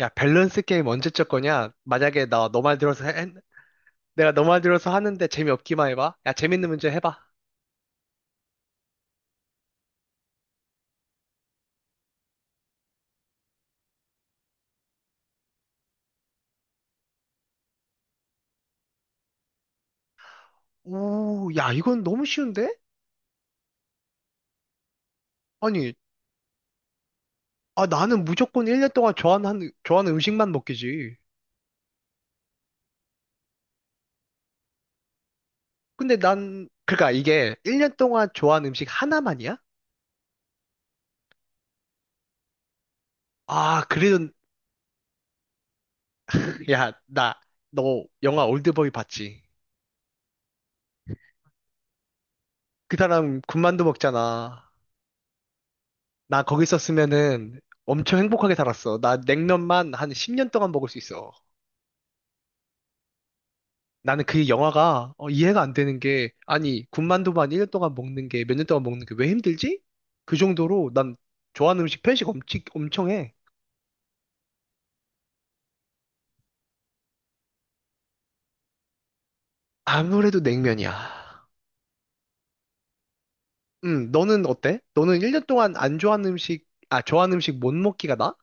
야, 밸런스 게임 언제 쳤 거냐? 만약에 나 너 말 들어서 해- 내가 너 말 들어서 하는데 재미없기만 해봐. 야, 재밌는 문제 해봐. 오, 야, 이건 너무 쉬운데? 아니, 아, 나는 무조건 1년 동안 좋아하는 음식만 먹기지. 근데 난, 그러니까 이게 1년 동안 좋아하는 음식 하나만이야? 아, 그래도, 야, 나, 너 영화 올드보이 봤지? 그 사람 군만두 먹잖아. 나 거기 있었으면은 엄청 행복하게 살았어. 나 냉면만 한 10년 동안 먹을 수 있어. 나는 그 영화가 이해가 안 되는 게 아니 군만두만 1년 동안 먹는 게 몇 년 동안 먹는 게 왜 힘들지? 그 정도로 난 좋아하는 음식 편식 엄청 엄청 해. 아무래도 냉면이야. 너는 어때? 너는 1년 동안 안 좋아하는 음식 아 좋아하는 음식 못 먹기가 나?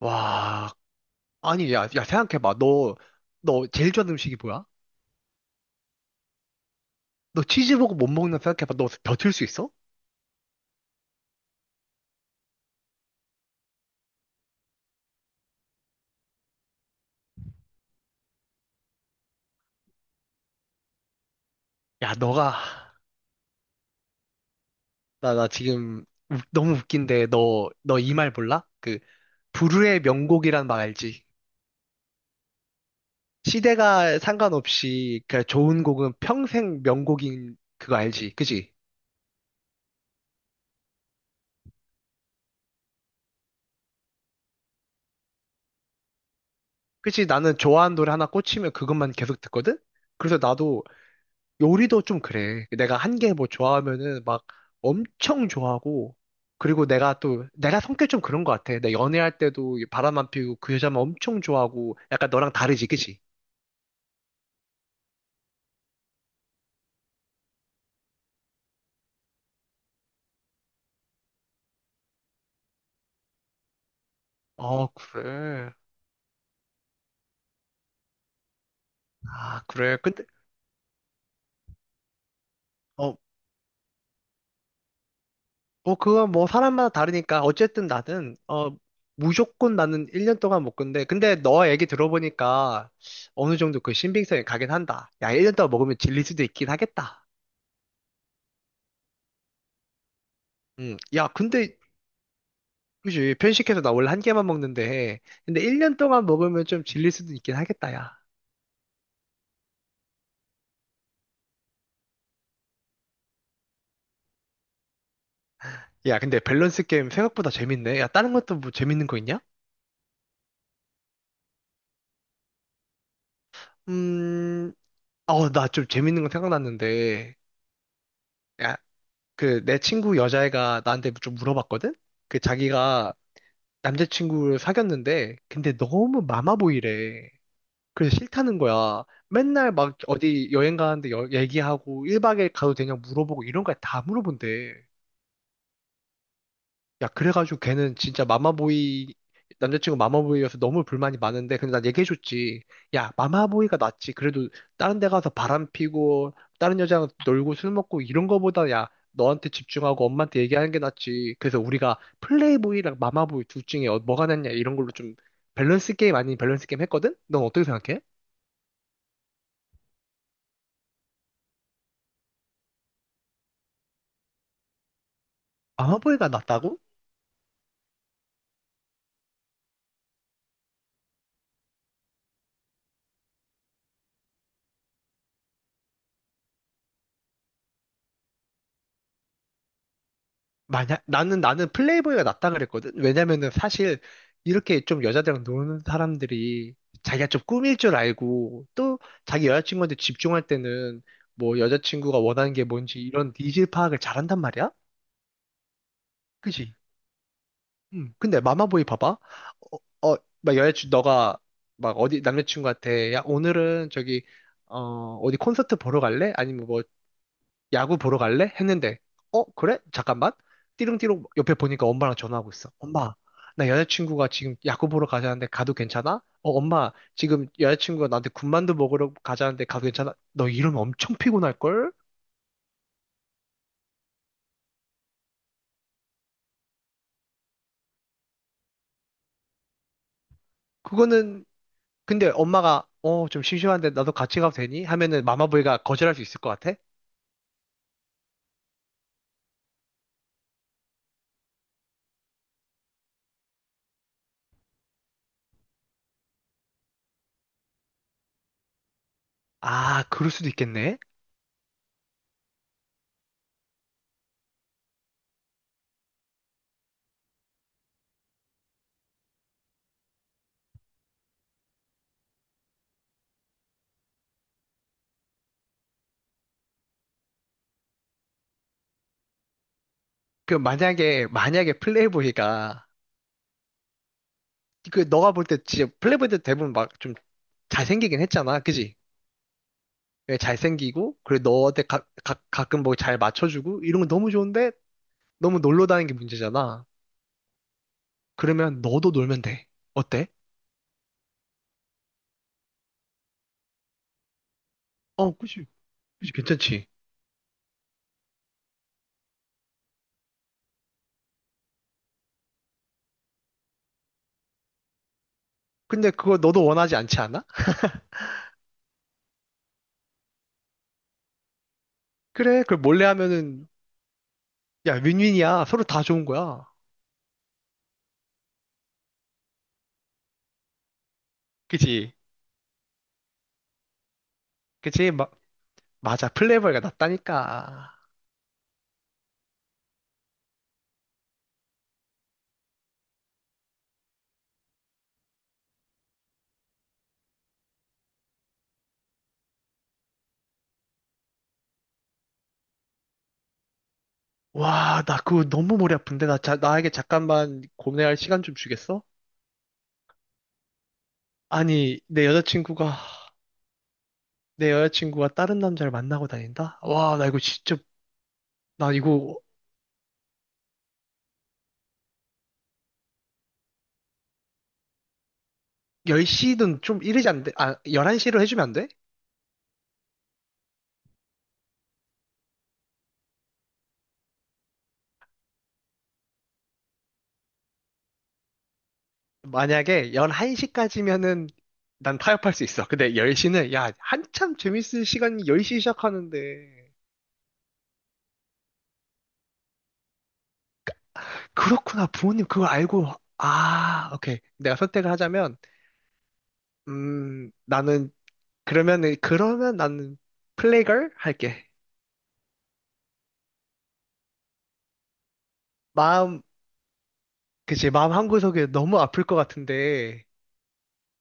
와 아니 야, 야 생각해봐 너 너 제일 좋아하는 음식이 뭐야? 너 치즈버거 못 먹는다 생각해봐 너 버틸 수 있어? 야 너가 나 지금 웃- 너무 웃긴데 너 이 말 몰라? 그, 불후의 명곡이란 말 알지? 시대가 상관없이 그 좋은 곡은 평생 명곡인 그거 알지? 그지? 그치? 나는 좋아하는 노래 하나 꽂히면 그것만 계속 듣거든? 그래서 나도 요리도 좀 그래. 내가 한 개 뭐 좋아하면은 막 엄청 좋아하고 그리고 내가 성격 좀 그런 것 같아. 내 연애할 때도 바람만 피우고 그 여자만 엄청 좋아하고 약간 너랑 다르지, 그치? 어, 그래. 아, 그래. 근데, 어, 뭐 그건 뭐 사람마다 다르니까 어쨌든 나는 무조건 나는 1년 동안 못 근데 너 얘기 들어보니까 어느 정도 그 신빙성이 가긴 한다. 야, 1년 동안 먹으면 질릴 수도 있긴 하겠다. 음. 야, 근데 그지 편식해서 나 원래 한 개만 먹는데 근데 1년 동안 먹으면 좀 질릴 수도 있긴 하겠다, 야. 야, 근데 밸런스 게임 생각보다 재밌네. 야, 다른 것도 뭐 재밌는 거 있냐? 음. 어, 나 좀 재밌는 거 생각났는데. 야, 그 내 친구 여자애가 나한테 좀 물어봤거든? 그 자기가 남자친구를 사귀었는데, 근데 너무 마마보이래. 그래서 싫다는 거야. 맨날 막 어디 여행 가는데 여- 얘기하고 1박 에일 가도 되냐 물어보고 이런 거 다 물어본대. 야, 그래가지고 걔는 진짜 마마보이, 남자친구 마마보이여서 너무 불만이 많은데, 근데 난 얘기해줬지. 야, 마마보이가 낫지. 그래도 다른 데 가서 바람 피고, 다른 여자랑 놀고 술 먹고 이런 거보다 야, 너한테 집중하고 엄마한테 얘기하는 게 낫지. 그래서 우리가 플레이보이랑 마마보이 둘 중에 어- 뭐가 낫냐 이런 걸로 좀 밸런스 게임 아닌 밸런스 게임 했거든? 넌 어떻게 생각해? 마마보이가 낫다고? 만약 나는 플레이보이가 낫다 그랬거든. 왜냐면은 사실 이렇게 좀 여자들이랑 노는 사람들이 자기가 좀 꾸밀 줄 알고 또 자기 여자친구한테 집중할 때는 뭐 여자친구가 원하는 게 뭔지 이런 니즈 파악을 잘한단 말이야. 그지? 음. 근데 마마보이 봐봐. 막 여자친구 너가 막 어디 남자친구한테 야 오늘은 저기 어디 콘서트 보러 갈래? 아니면 뭐 야구 보러 갈래? 했는데, 어, 그래? 잠깐만. 띠릉띠릉 옆에 보니까 엄마랑 전화하고 있어. 엄마, 나 여자친구가 지금 야구 보러 가자는데 가도 괜찮아? 어, 엄마, 지금 여자친구가 나한테 군만두 먹으러 가자는데 가도 괜찮아? 너 이러면 엄청 피곤할걸? 그거는, 근데 엄마가, 좀 심심한데 나도 같이 가도 되니? 하면은 마마보이가 거절할 수 있을 것 같아? 아, 그럴 수도 있겠네? 그 만약에 플레이보이가, 그 너가 볼 때 진짜 플레이보이 때 대부분 막 좀 잘생기긴 했잖아. 그지? 예, 잘생기고, 그리고 너한테 가끔 뭐 잘 맞춰주고, 이런 건 너무 좋은데, 너무 놀러 다니는 게 문제잖아. 그러면 너도 놀면 돼. 어때? 어, 그치. 그치, 괜찮지. 근데 그걸 너도 원하지 않지 않아? 그래, 그걸 몰래 하면은, 야, 윈윈이야. 서로 다 좋은 거야. 그치? 그치? 마, 맞아. 플레이보이가 낫다니까. 와, 나 그거 너무 머리 아픈데? 나, 자, 나에게 잠깐만 고민할 시간 좀 주겠어? 아니, 내 여자친구가 다른 남자를 만나고 다닌다? 와, 나 이거 진짜 나 이거 10시는 좀 이르지 안 돼? 아, 11시로 해주면 안 돼? 만약에 11시까지면은 난 타협할 수 있어. 근데 10시는 야, 한참 재밌을 시간이 10시 시작하는데. 그렇구나. 부모님 그거 알고 아, 오케이. 내가 선택을 하자면 나는 그러면 나는 플래걸 할게. 마음 그치 마음 한구석에 너무 아플 것 같은데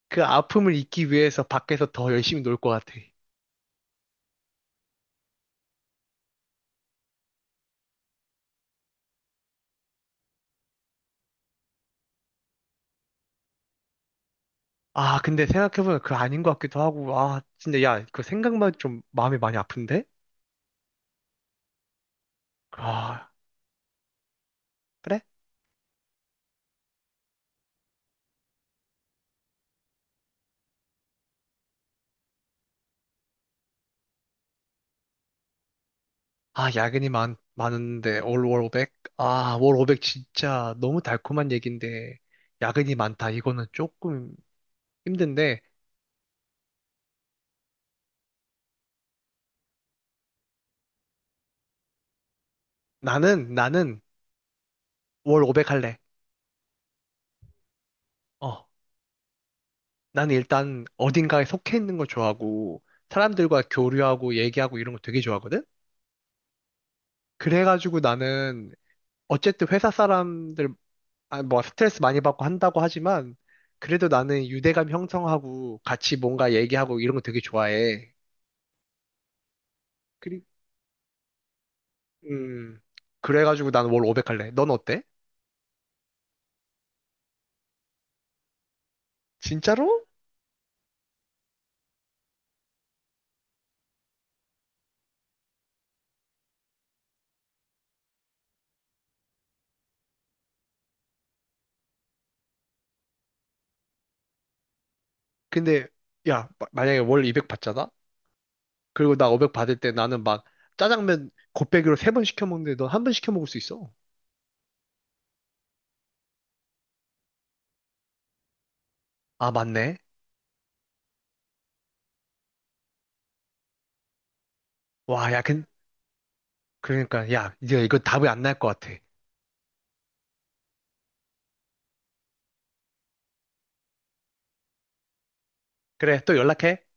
그 아픔을 잊기 위해서 밖에서 더 열심히 놀 것 같아. 아, 근데 생각해보면 그거 아닌 것 같기도 하고, 아, 진짜, 야, 그 생각만 좀 마음이 많이 아픈데? 아, 그래? 아, 야근이 많은데, 올 월 오백? 아, 월 오백 진짜 너무 달콤한 얘기인데, 야근이 많다. 이거는 조금 힘든데, 나는 월 오백 할래. 어, 나는 일단 어딘가에 속해 있는 걸 좋아하고, 사람들과 교류하고, 얘기하고 이런 거 되게 좋아하거든? 그래가지고 나는, 어쨌든 회사 사람들 아, 뭐 스트레스 많이 받고 한다고 하지만 그래도 나는 유대감 형성하고 같이 뭔가 얘기하고 이런 거 되게 좋아해. 그리 음 그래가지고 난 월 500 할래. 넌 어때? 진짜로? 근데 야 마- 만약에 월 200 받잖아? 그리고 나 500 받을 때 나는 막 짜장면 곱빼기로 세 번 시켜 먹는데 넌 한 번 시켜 먹을 수 있어. 아 맞네. 와 야 근 그러니까 야 이제 이거 답이 안 날 것 같아. 그래 또 연락해.